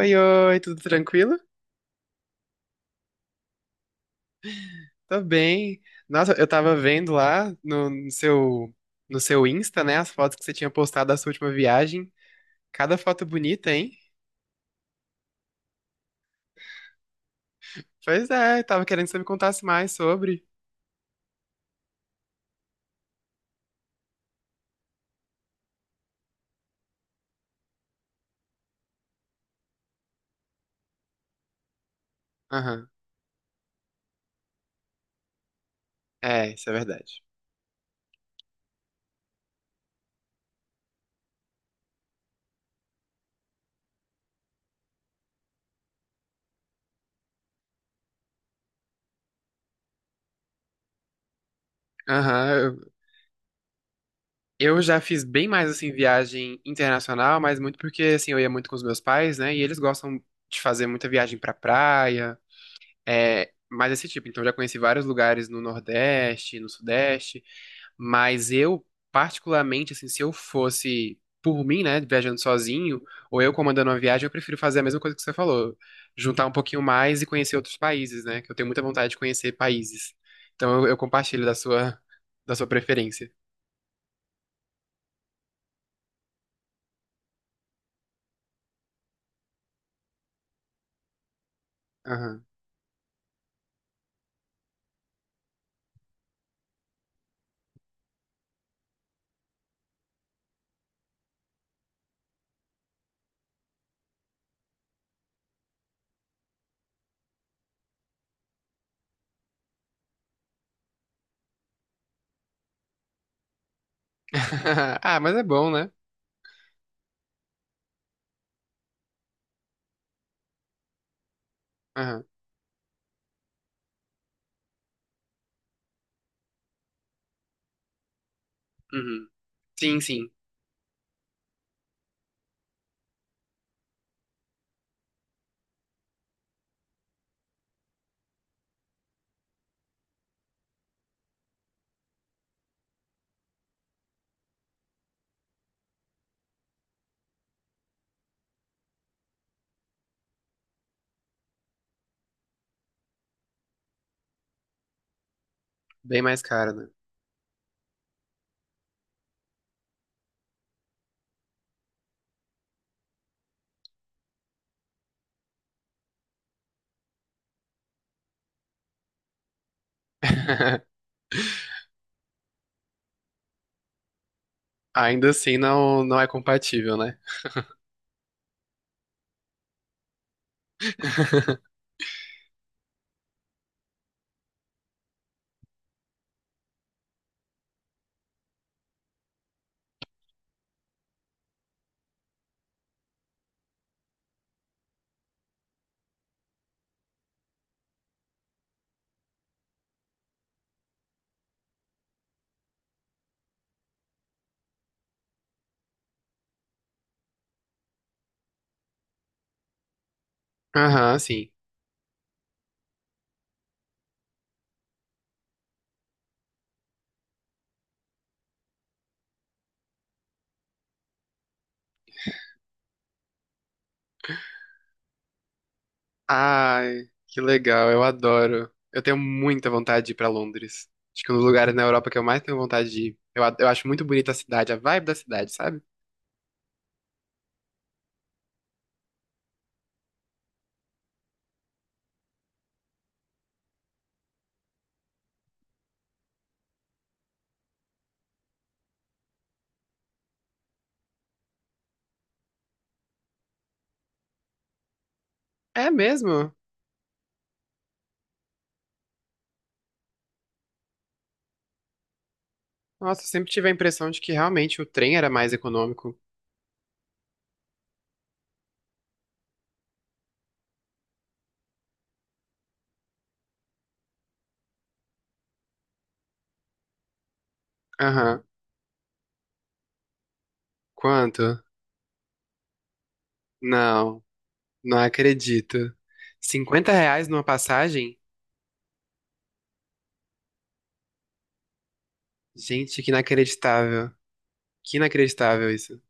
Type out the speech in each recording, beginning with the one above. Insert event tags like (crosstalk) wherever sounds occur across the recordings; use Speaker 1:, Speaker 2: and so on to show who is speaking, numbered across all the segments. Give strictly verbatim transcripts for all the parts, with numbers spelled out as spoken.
Speaker 1: Oi, oi, tudo tranquilo? Tô bem. Nossa, eu tava vendo lá no, no seu no seu Insta, né, as fotos que você tinha postado da sua última viagem. Cada foto bonita, hein? Pois é, tava querendo que você me contasse mais sobre. Aham. É, isso é verdade. Aham, eu, eu já fiz bem mais assim viagem internacional, mas muito porque assim eu ia muito com os meus pais, né? E eles gostam de fazer muita viagem pra praia, é, mais esse tipo. Então eu já conheci vários lugares no Nordeste, no Sudeste. Mas eu, particularmente, assim, se eu fosse por mim, né, viajando sozinho, ou eu comandando uma viagem, eu prefiro fazer a mesma coisa que você falou, juntar um pouquinho mais e conhecer outros países, né, que eu tenho muita vontade de conhecer países. Então eu, eu compartilho da sua, da sua preferência. Aham. (laughs) Ah, mas é bom, né? Aham. Uhum. Sim, sim. Bem mais caro, né? (laughs) Ainda assim não, não é compatível, né? (laughs) Aham, sim. Ai, que legal, eu adoro. Eu tenho muita vontade de ir pra Londres. Acho que é um dos lugares na Europa que eu mais tenho vontade de ir. Eu, ad- eu acho muito bonita a cidade, a vibe da cidade, sabe? É mesmo? Nossa, eu sempre tive a impressão de que realmente o trem era mais econômico. Aham. Quanto? Não, não acredito. Cinquenta reais numa passagem? Gente, que inacreditável. Que inacreditável isso.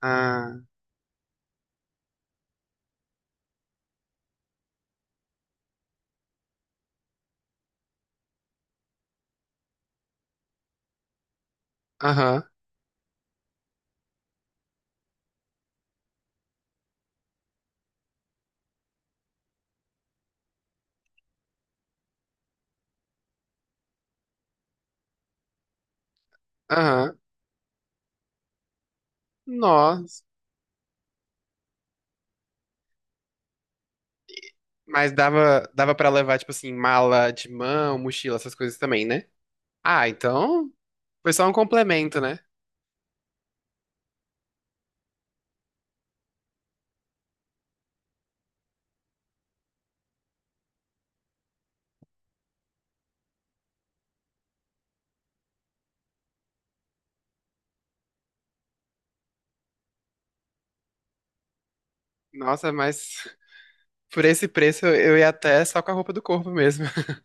Speaker 1: Ah, aham, aham. Nossa. Mas dava, dava para levar, tipo assim, mala de mão, mochila, essas coisas também, né? Ah, então foi só um complemento, né? Nossa, mas (laughs) por esse preço eu eu ia até só com a roupa do corpo mesmo. (laughs)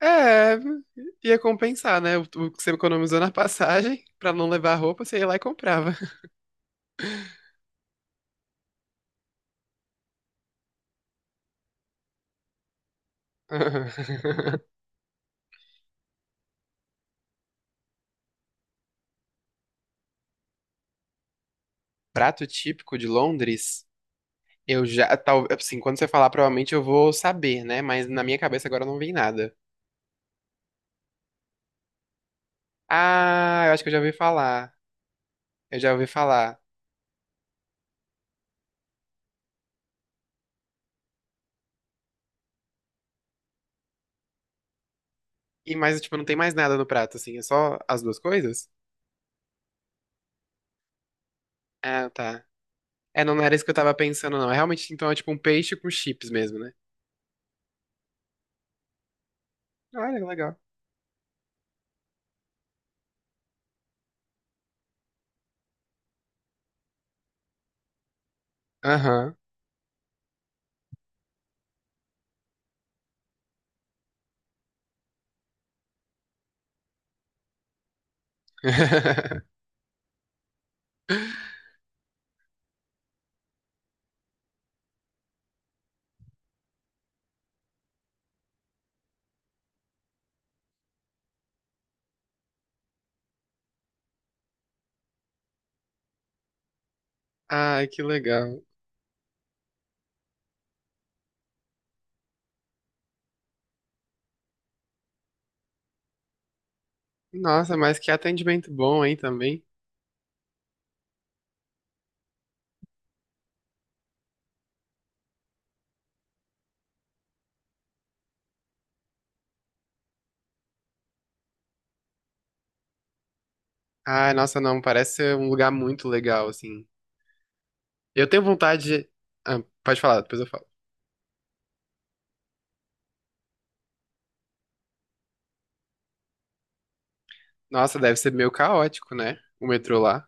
Speaker 1: É, ia compensar, né? O, o que você economizou na passagem, pra não levar a roupa, você ia lá e comprava. (laughs) Prato típico de Londres, eu já, tal, assim, quando você falar, provavelmente eu vou saber, né? Mas na minha cabeça agora não vem nada. Ah, eu acho que eu já ouvi falar. Eu já ouvi falar. E mais, tipo, não tem mais nada no prato, assim, é só as duas coisas? Ah, tá. É, não não era isso que eu tava pensando, não. É realmente, então, é tipo um peixe com chips mesmo, né? Olha, que legal. Aham. (laughs) Ai, que legal. Nossa, mas que atendimento bom, hein, também. Ai, nossa, não, parece ser um lugar muito legal, assim. Eu tenho vontade de... Ah, pode falar, depois eu falo. Nossa, deve ser meio caótico, né, o metrô lá.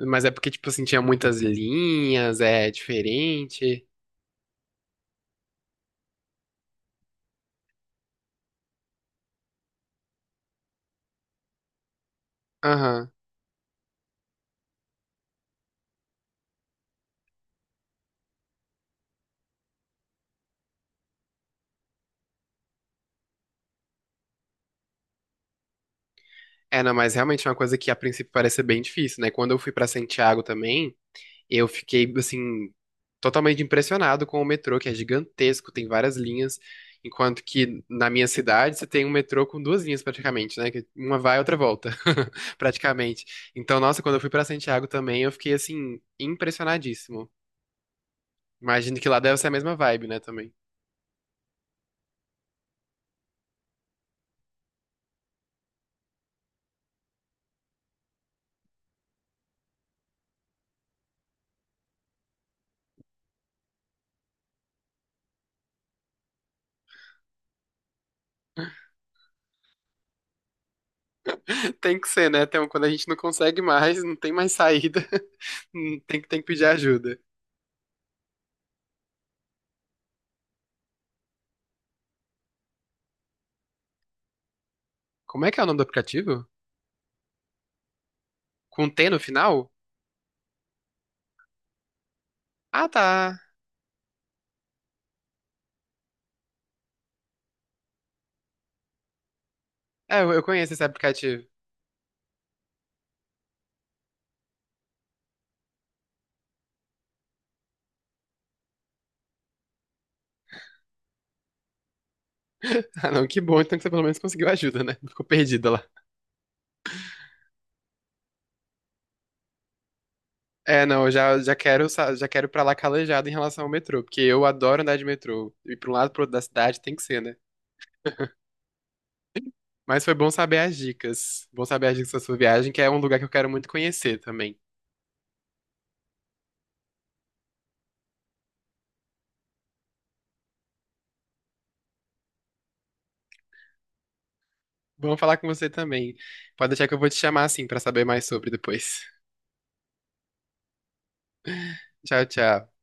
Speaker 1: Mas é porque, tipo assim, tinha muitas linhas, é diferente. Aham. É, não, mas realmente é uma coisa que a princípio parece ser bem difícil, né? Quando eu fui pra Santiago também, eu fiquei, assim, totalmente impressionado com o metrô, que é gigantesco, tem várias linhas, enquanto que na minha cidade você tem um metrô com duas linhas praticamente, né? Que uma vai e outra volta, (laughs) praticamente. Então, nossa, quando eu fui pra Santiago também, eu fiquei, assim, impressionadíssimo. Imagino que lá deve ser a mesma vibe, né, também. (laughs) Tem que ser, né? Então, quando a gente não consegue mais, não tem mais saída, (laughs) tem que, tem que pedir ajuda. Como é que é o nome do aplicativo? Com tê no final? Ah, tá. É, eu eu conheço esse aplicativo. (laughs) Ah, não, que bom, então que você pelo menos conseguiu ajuda, né? Não ficou perdida lá. É, não, eu já, já quero, sa- já quero ir pra lá calejado em relação ao metrô, porque eu adoro andar de metrô. E pra um lado e pro outro da cidade tem que ser, né? Mas foi bom saber as dicas. Bom saber as dicas da sua viagem, que é um lugar que eu quero muito conhecer também. Bom falar com você também. Pode deixar que eu vou te chamar assim pra saber mais sobre depois. (laughs) Tchau, tchau.